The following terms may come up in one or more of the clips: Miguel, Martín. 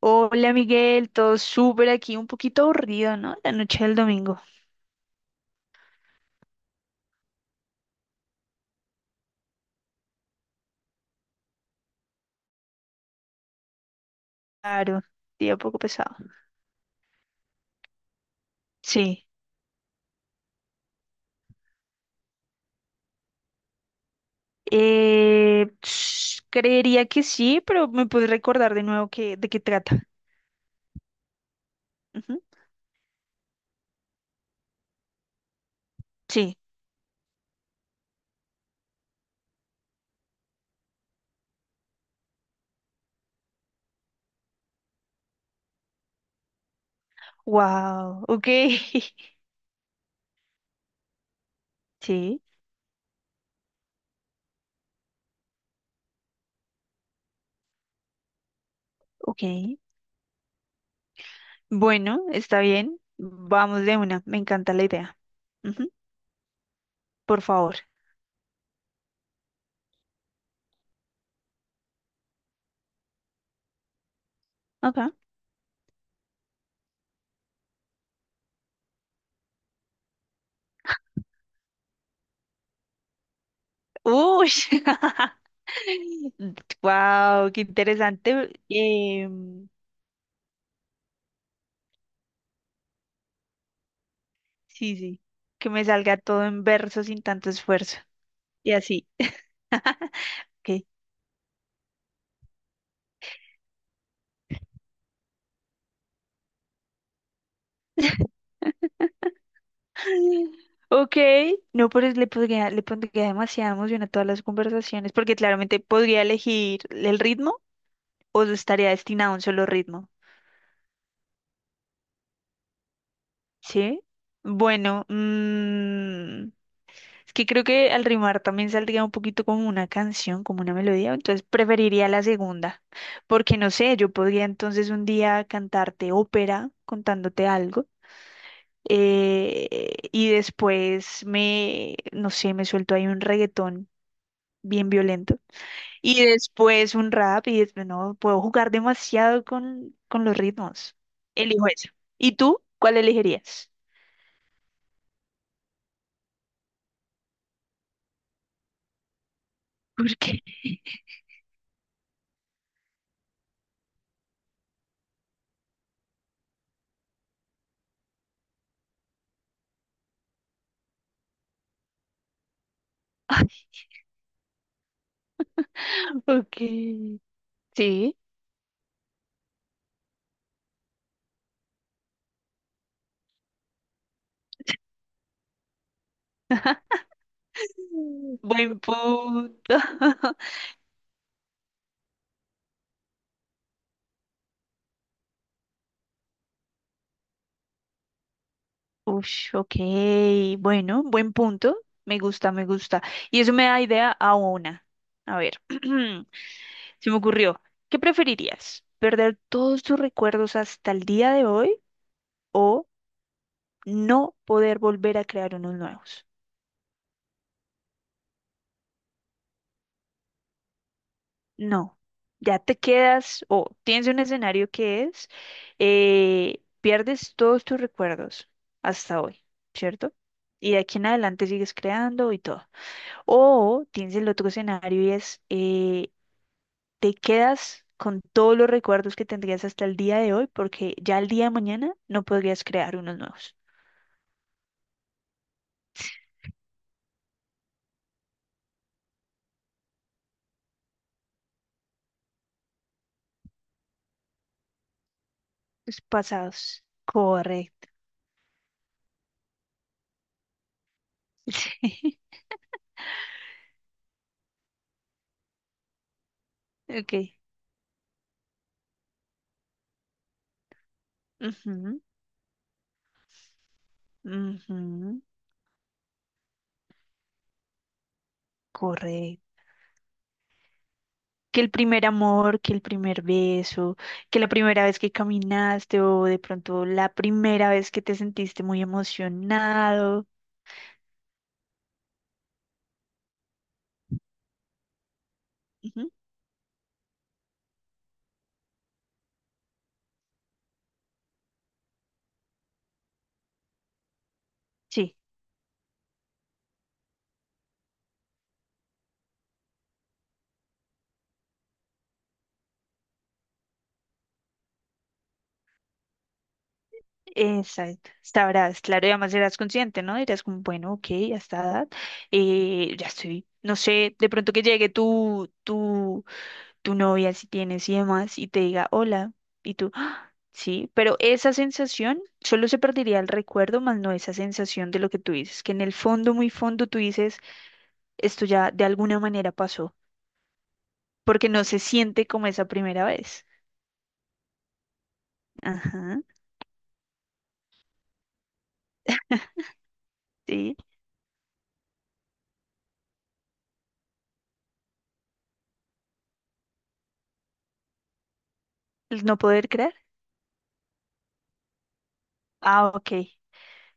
Hola Miguel, todo súper aquí, un poquito aburrido, ¿no? La noche del domingo. Claro, día un poco pesado. Sí. Creería que sí, pero me puedes recordar de nuevo que, de qué trata. Ujú. Sí. Wow, ok. Sí, ok. Bueno, está bien. Vamos de una, me encanta la idea. Ujú, por favor. Ok. Uy, wow, qué interesante. Sí, sí. Que me salga todo en verso sin tanto esfuerzo. Y así. Ok. Ok. No, pero le pondría demasiada emoción a todas las conversaciones, porque claramente podría elegir el ritmo o estaría destinado a un solo ritmo. ¿Sí? Bueno, es que creo que al rimar también saldría un poquito como una canción, como una melodía, entonces preferiría la segunda, porque no sé, yo podría entonces un día cantarte ópera contándote algo. Y después me, no sé, me suelto ahí un reggaetón bien violento. Y después un rap y después, no, puedo jugar demasiado con los ritmos. Elijo eso. ¿Y tú? ¿Cuál elegirías? ¿Por qué? Ok, sí. Buen punto. Ush, ok, bueno, buen punto. Me gusta, me gusta. Y eso me da idea a una. A ver, se me ocurrió. ¿Qué preferirías? ¿Perder todos tus recuerdos hasta el día de hoy o no poder volver a crear unos nuevos? No, ya te quedas o tienes un escenario que es, pierdes todos tus recuerdos hasta hoy, ¿cierto? Y de aquí en adelante sigues creando y todo. O tienes el otro escenario y es, te quedas con todos los recuerdos que tendrías hasta el día de hoy, porque ya el día de mañana no podrías crear unos nuevos. Los pasados. Correcto. Sí. Ok. Ujú, ujú, correcto. Que el primer amor, que el primer beso, que la primera vez que caminaste o de pronto la primera vez que te sentiste muy emocionado. Ujú, sí. Exacto, sabrás, claro, y además serás consciente, ¿no? Dirás como, bueno, ok, a esta edad, ya estoy, no sé, de pronto que llegue tu novia, si tienes y demás, y te diga, hola, y tú, "Ah, sí, pero esa sensación, solo se perdería el recuerdo, más no esa sensación de lo que tú dices, que en el fondo, muy fondo, tú dices, esto ya de alguna manera pasó, porque no se siente como esa primera vez. Ajá, sí, el no poder creer. Ah, ok,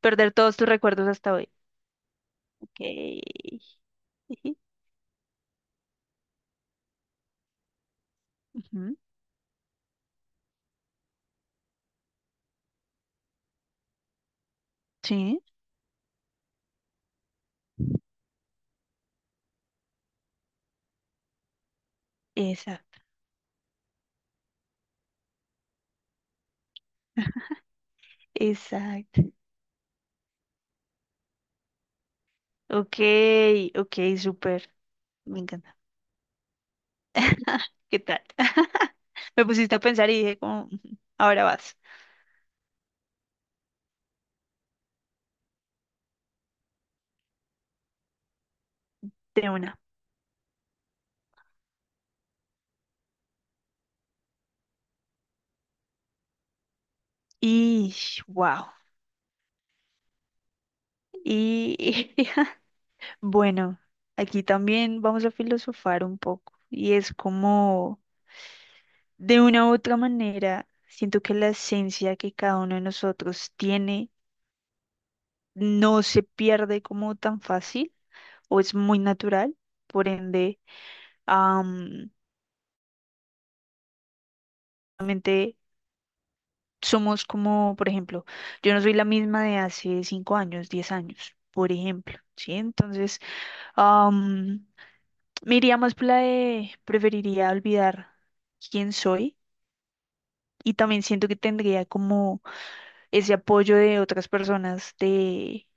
perder todos tus recuerdos hasta hoy. Ok. Ujú, ujú. Sí, esa, exacto. Okay, okay, súper. Me encanta. ¿Qué tal? Me pusiste a pensar y dije como, "Ujú, ahora vas. De una. Y wow. Y bueno, aquí también vamos a filosofar un poco. Y es como, de una u otra manera, siento que la esencia que cada uno de nosotros tiene no se pierde como tan fácil o es muy natural, por ende, am, realmente somos como, por ejemplo, yo no soy la misma de hace 5 años, 10 años, por ejemplo, ¿sí? Entonces, am, me iría más por la de preferiría olvidar quién soy y también siento que tendría como ese apoyo de otras personas, de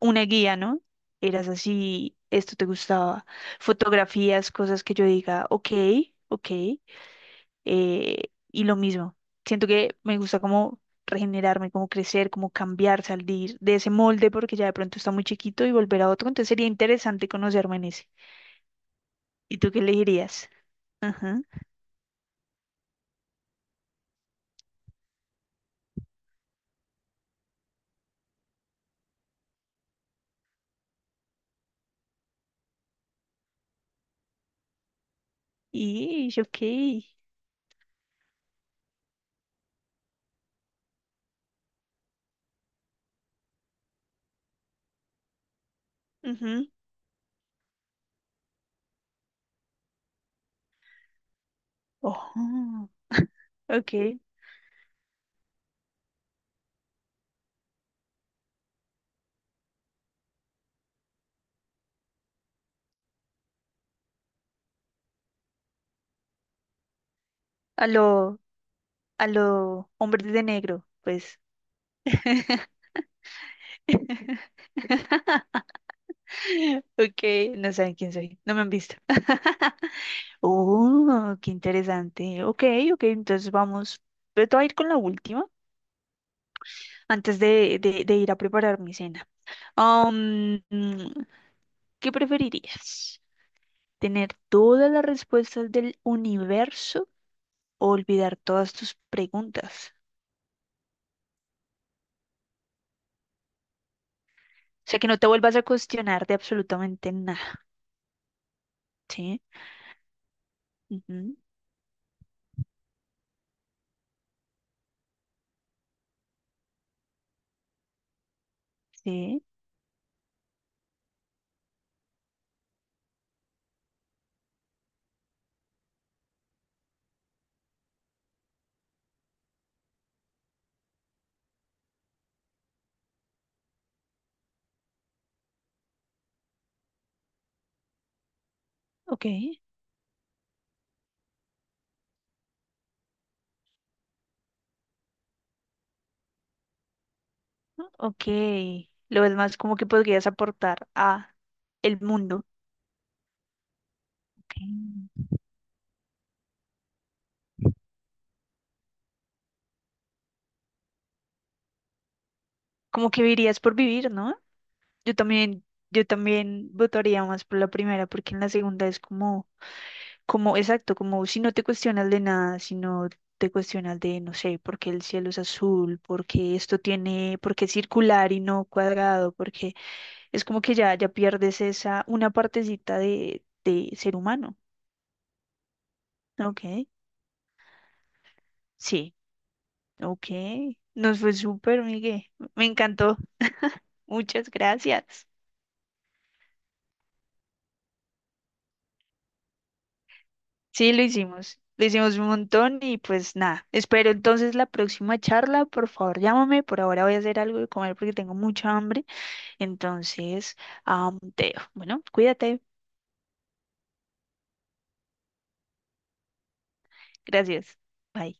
una guía, ¿no? Eras así, esto te gustaba, fotografías, cosas que yo diga, ok, ok. Y lo mismo, siento que me gusta como regenerarme, como crecer, como cambiar, salir de ese molde porque ya de pronto está muy chiquito y volver a otro, entonces sería interesante conocerme en ese. ¿Y tú qué elegirías? Ajá. Y ok. Ujú. Ojo. Ok. A lo, a lo hombres de negro, pues. Ok, no saben quién soy, no me han visto. Oh, qué interesante. Ok, ok, entonces vamos. Te voy a ir con la última antes de ir a preparar mi cena. Am, mm, ¿qué preferirías? ¿Tener todas las respuestas del universo o olvidar todas tus preguntas? O sea, que no te vuelvas a cuestionar de absolutamente nada. Sí, ujú, sí, ok, ¿no? Ok. Lo es más como que podrías aportar a el mundo. Ok. Como que vivirías por vivir, ¿no? Yo también, yo también votaría más por la primera, porque en la segunda es como, como, exacto, como si no te cuestionas de nada, si no te cuestionas de, no sé, por qué el cielo es azul, porque esto tiene, porque es circular y no cuadrado, porque es como que ya, ya pierdes esa, una partecita de ser humano. Ok, sí, ok. Nos fue súper, Miguel. Me encantó. Muchas gracias. Sí, lo hicimos. Lo hicimos un montón y pues nada. Espero entonces la próxima charla. Por favor, llámame. Por ahora voy a hacer algo de comer porque tengo mucha hambre. Entonces, te dejo. Bueno, cuídate. Gracias. Bye.